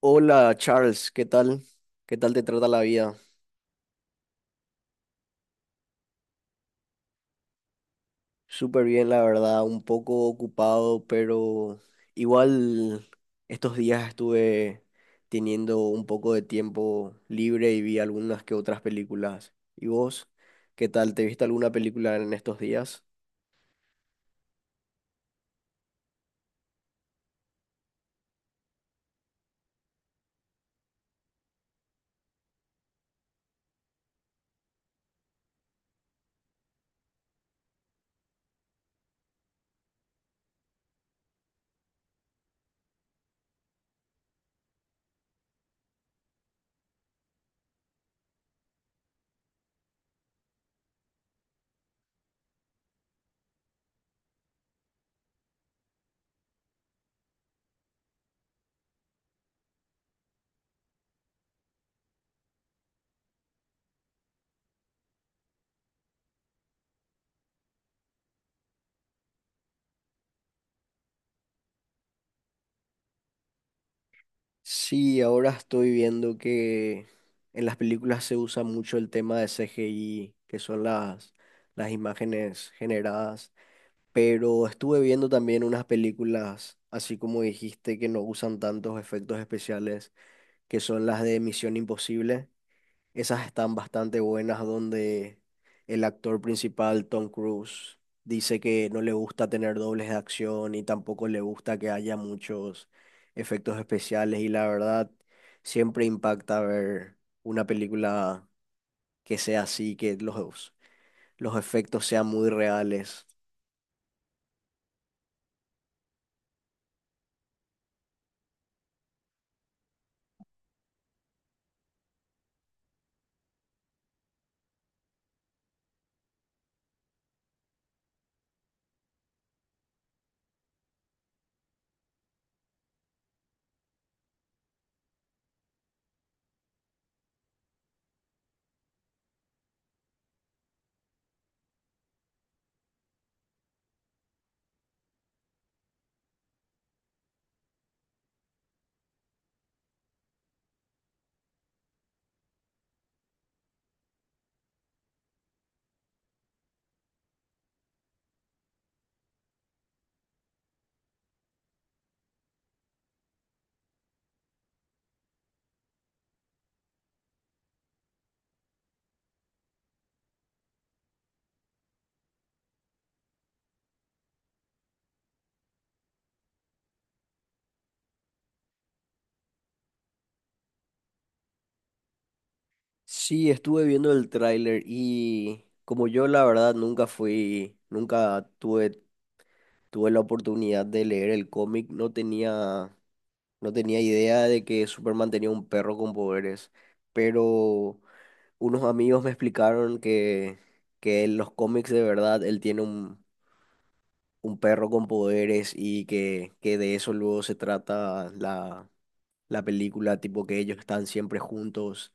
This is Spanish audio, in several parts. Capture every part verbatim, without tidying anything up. Hola Charles, ¿qué tal? ¿Qué tal te trata la vida? Súper bien, la verdad, un poco ocupado, pero igual estos días estuve teniendo un poco de tiempo libre y vi algunas que otras películas. ¿Y vos? ¿Qué tal? ¿Te viste alguna película en estos días? Sí, ahora estoy viendo que en las películas se usa mucho el tema de C G I, que son las, las imágenes generadas. Pero estuve viendo también unas películas, así como dijiste, que no usan tantos efectos especiales, que son las de Misión Imposible. Esas están bastante buenas, donde el actor principal, Tom Cruise, dice que no le gusta tener dobles de acción y tampoco le gusta que haya muchos efectos especiales. Y la verdad, siempre impacta ver una película que sea así, que los, los efectos sean muy reales. Sí, estuve viendo el tráiler y como yo la verdad nunca fui, nunca tuve, tuve la oportunidad de leer el cómic, no tenía, no tenía idea de que Superman tenía un perro con poderes, pero unos amigos me explicaron que, que en los cómics de verdad él tiene un, un perro con poderes y que, que de eso luego se trata la, la película, tipo que ellos están siempre juntos,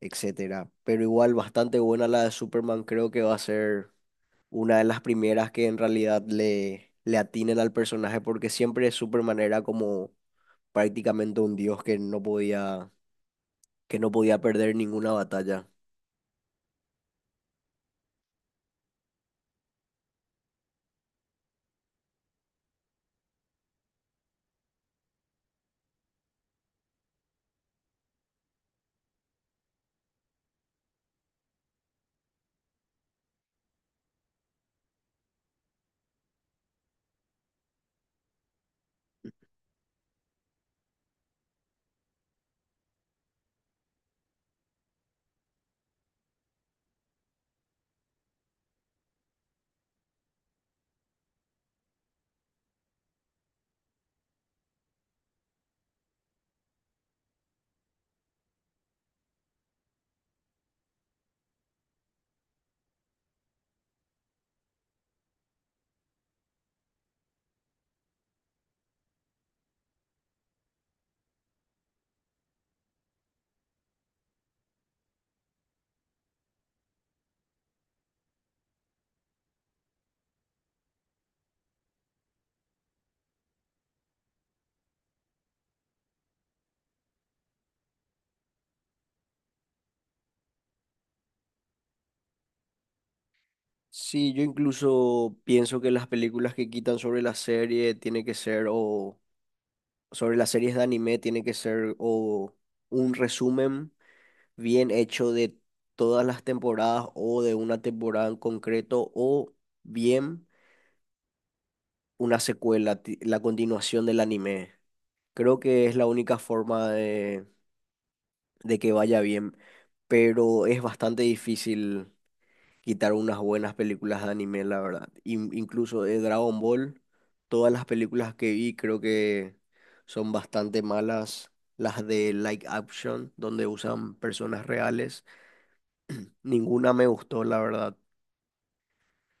etcétera. Pero igual bastante buena la de Superman, creo que va a ser una de las primeras que en realidad le, le atinen al personaje, porque siempre Superman era como prácticamente un dios que no podía, que no podía perder ninguna batalla. Sí, yo incluso pienso que las películas que quitan sobre la serie tiene que ser o sobre las series de anime tiene que ser o un resumen bien hecho de todas las temporadas o de una temporada en concreto o bien una secuela, ti- la continuación del anime. Creo que es la única forma de, de que vaya bien, pero es bastante difícil quitar unas buenas películas de anime, la verdad. In- incluso de Dragon Ball, todas las películas que vi creo que son bastante malas. Las de Like Action, donde usan personas reales, ninguna me gustó, la verdad.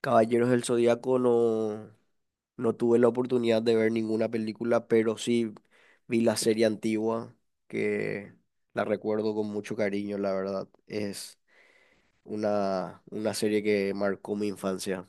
Caballeros del Zodíaco no, no tuve la oportunidad de ver ninguna película, pero sí vi la serie antigua, que la recuerdo con mucho cariño, la verdad. Es una, una serie que marcó mi infancia.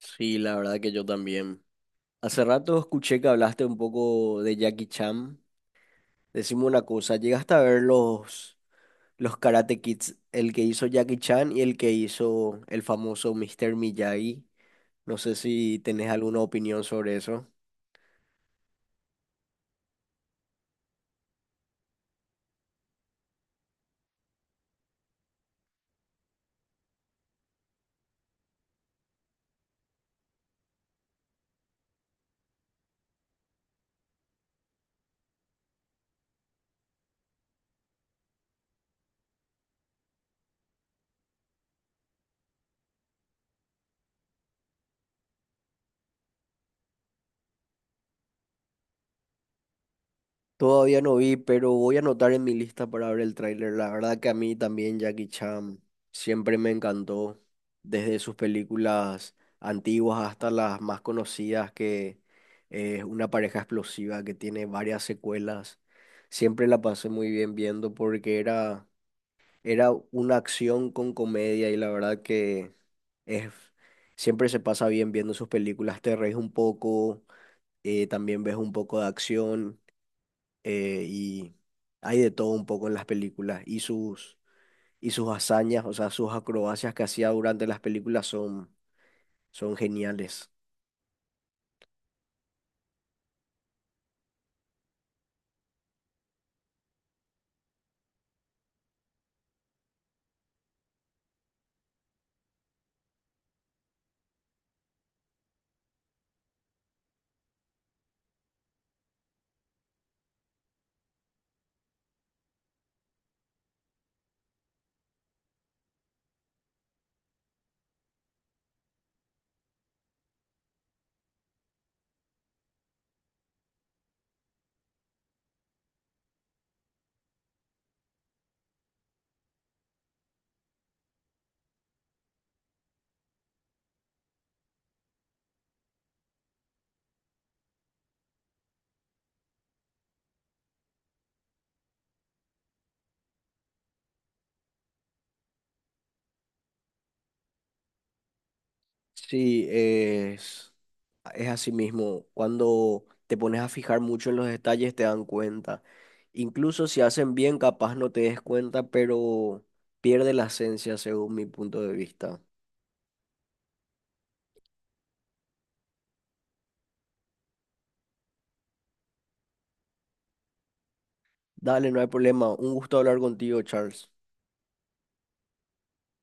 Sí, la verdad que yo también. Hace rato escuché que hablaste un poco de Jackie Chan. Decime una cosa, ¿llegaste a ver los, los Karate Kids? El que hizo Jackie Chan y el que hizo el famoso mister Miyagi. No sé si tenés alguna opinión sobre eso. Todavía no vi, pero voy a anotar en mi lista para ver el tráiler. La verdad que a mí también Jackie Chan siempre me encantó, desde sus películas antiguas hasta las más conocidas, que es una pareja explosiva que tiene varias secuelas. Siempre la pasé muy bien viendo porque era, era una acción con comedia y la verdad que es, siempre se pasa bien viendo sus películas. Te reís un poco, eh, también ves un poco de acción, eh, y hay de todo un poco en las películas y sus, y sus hazañas, o sea, sus acrobacias que hacía durante las películas son, son geniales. Sí, es, es así mismo. Cuando te pones a fijar mucho en los detalles te dan cuenta. Incluso si hacen bien, capaz no te des cuenta, pero pierde la esencia según mi punto de vista. Dale, no hay problema. Un gusto hablar contigo, Charles.